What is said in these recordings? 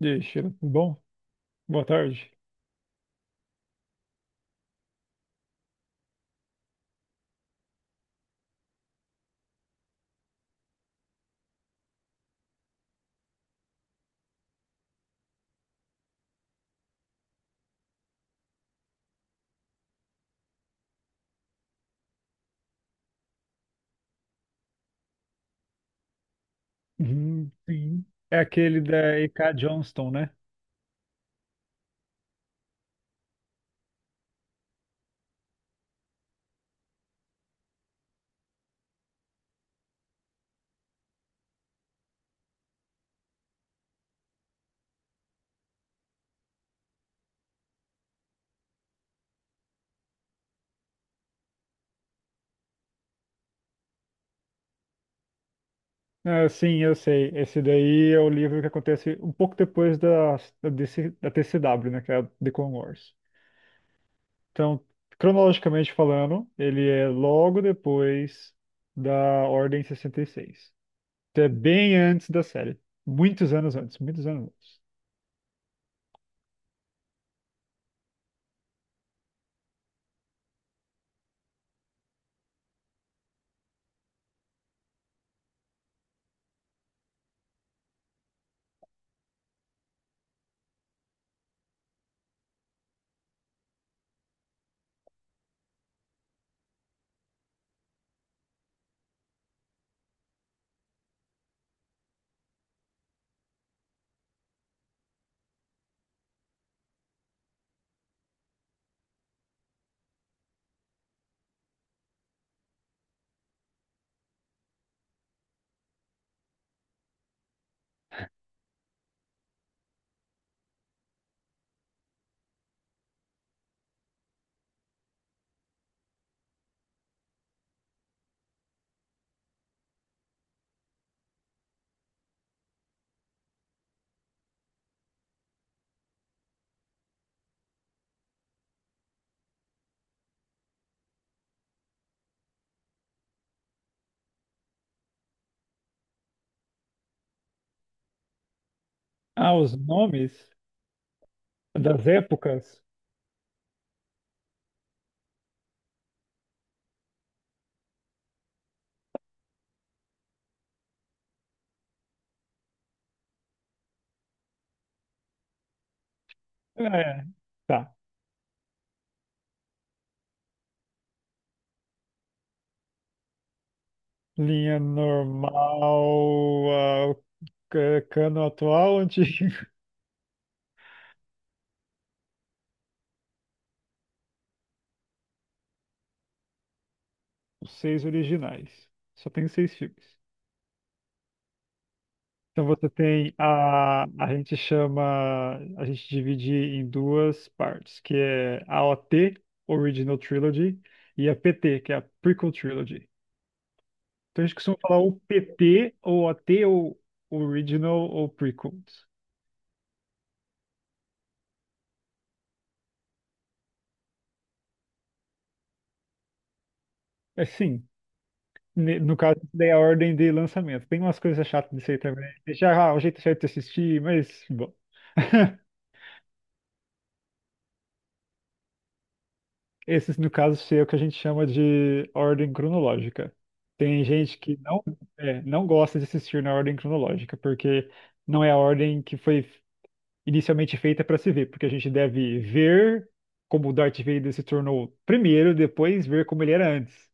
Deixa, tudo bom? Boa tarde. Uhum, sim. É aquele da E K Johnston, né? Ah, sim, eu sei. Esse daí é o livro que acontece um pouco depois da DC da TCW, né? Que é a Deacon Wars. Então, cronologicamente falando, ele é logo depois da Ordem 66. Então, é bem antes da série. Muitos anos antes, muitos anos antes. Ah, os nomes das épocas? É, tá. Linha normal, ca- cano atual, antigo. Os seis originais. Só tem seis filmes. Então você tem a. A gente chama. A gente divide em duas partes, que é a OT, Original Trilogy, e a PT, que é a Prequel Trilogy. Então a gente costuma falar ou PT, ou OT, ou Original, ou Prequels. É, sim. Ne- No caso, daí é a ordem de lançamento. Tem umas coisas chatas disso aí também. Deixar o jeito certo de assistir, mas bom. Esses, no caso, seria o que a gente chama de ordem cronológica. Tem gente que não, é, não gosta de assistir na ordem cronológica, porque não é a ordem que foi inicialmente feita para se ver, porque a gente deve ver como o Darth Vader se tornou primeiro, depois ver como ele era antes.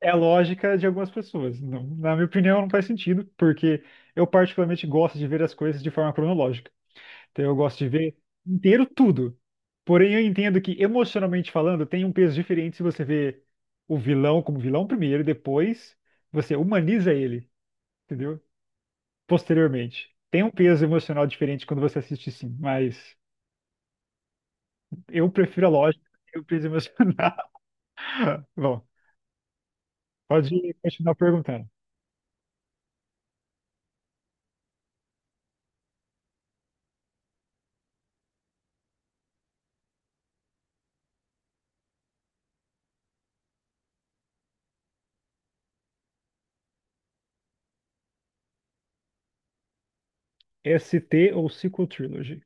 É a lógica de algumas pessoas. Não- na minha opinião, não faz sentido, porque eu particularmente gosto de ver as coisas de forma cronológica. Então eu gosto de ver inteiro tudo. Porém, eu entendo que, emocionalmente falando, tem um peso diferente se você vê o vilão como vilão primeiro e depois você humaniza ele, entendeu? Posteriormente. Tem um peso emocional diferente quando você assiste, sim, mas eu prefiro a lógica e o peso emocional. Bom, pode continuar perguntando. ST ou Sequel Trilogy?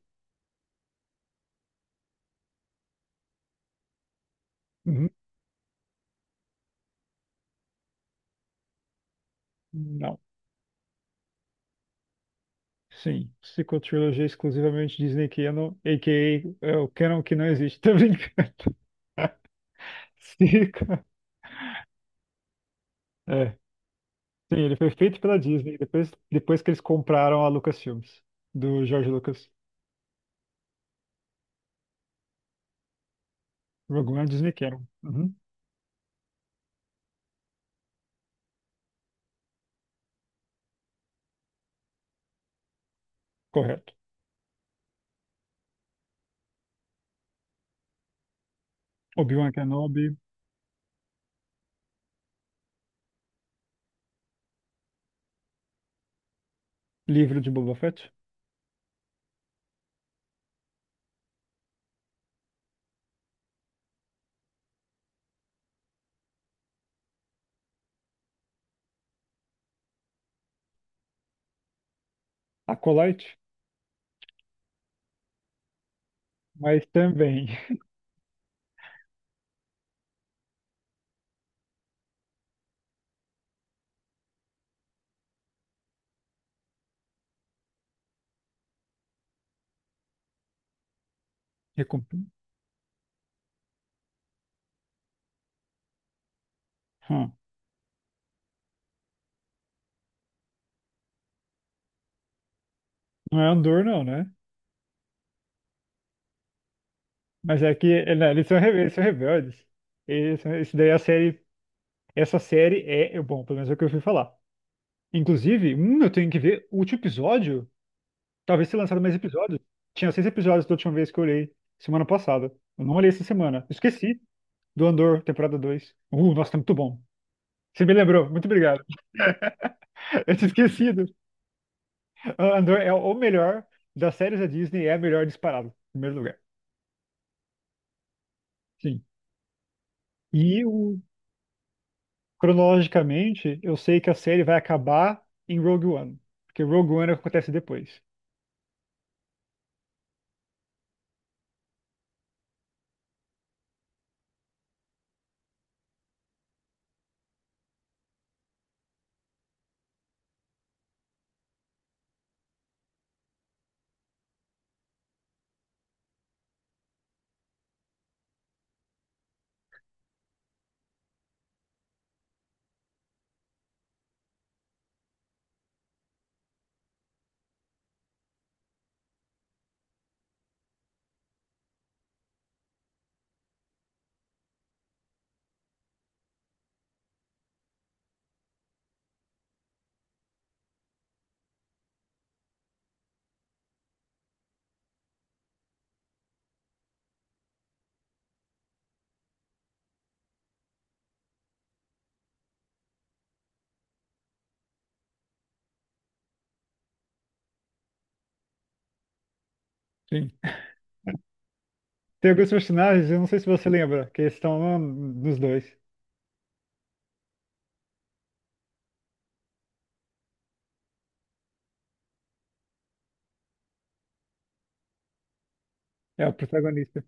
Uhum. Não. Sim, psicotrilogia exclusivamente Disney Canon, a.k.a. é o Canon que não existe. Tô brincando. Psico. É, sim, ele foi feito pela Disney depois, depois que eles compraram a Lucasfilmes, do George Lucas. Rogue One Disney Canon. Uhum, correto. Obi-Wan Kenobi, livro de Boba Fett. Acolyte, mas também. Recompensa. Hum, Não é Andor, não, né? Mas é que é, não, eles são, rebe- eles são rebeldes. Eles, são- isso daí é a série. Essa série é. É bom, pelo menos é o que eu fui falar. Inclusive, eu tenho que ver o último episódio. Talvez se lançaram mais episódios. Tinha seis episódios da última vez que eu olhei, semana passada. Eu não olhei essa semana. Esqueci do Andor, temporada 2. Nossa, tá muito bom. Você me lembrou, muito obrigado. Eu tinha esquecido. Ah, Andor é o melhor das séries da Disney, é a melhor disparado, em primeiro lugar. Sim. E o, cronologicamente, eu sei que a série vai acabar em Rogue One, porque Rogue One é o que acontece depois. Sim. Tem alguns personagens, eu não sei se você lembra, que estão nos dois. É o protagonista.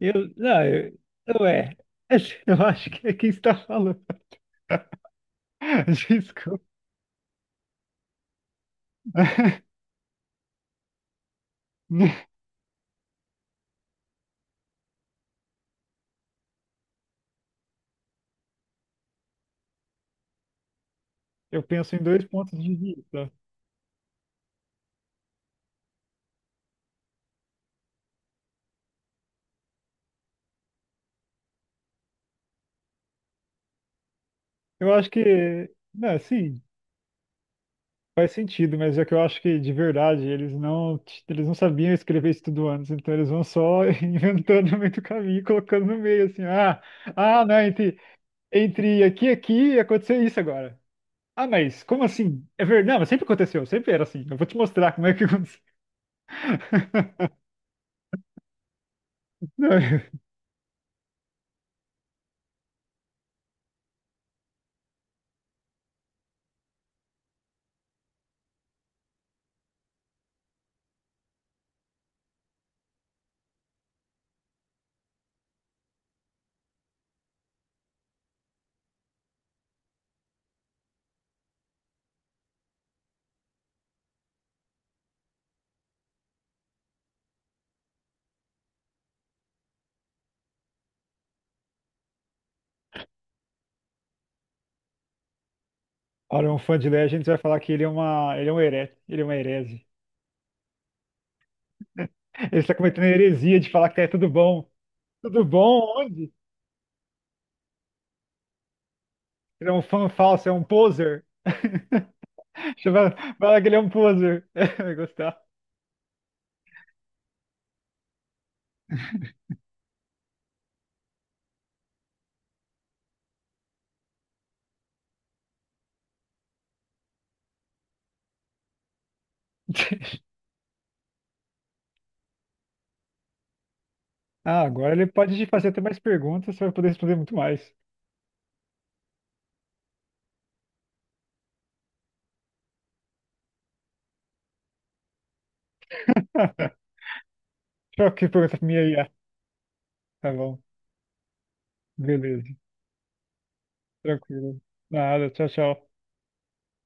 Eu, não, eu é. Eu acho que é quem está falando. Desculpa. Eu penso em dois pontos de vista. Eu acho que, não, sim, faz sentido, mas é que eu acho que de verdade eles não sabiam escrever isso tudo antes, então eles vão só inventando no meio do caminho, e colocando no meio assim, ah, ah, não, entre aqui e aqui aconteceu isso agora. Ah, mas como assim? É verdade, não, mas sempre aconteceu, sempre era assim. Eu vou te mostrar como é que aconteceu. Não, olha, um fã de Legends vai falar que ele é um herege, ele é uma herege. Ele está cometendo heresia de falar que é tudo bom. Tudo bom? Onde? Ele é um fã falso, é um poser. Chama- fala que ele é um poser. Vai gostar. Ah, agora ele pode te fazer até mais perguntas, você vai poder responder muito mais. Tchau, que pergunta minha aí. Ah. Tá bom. Beleza. Tranquilo. Nada, tchau, tchau.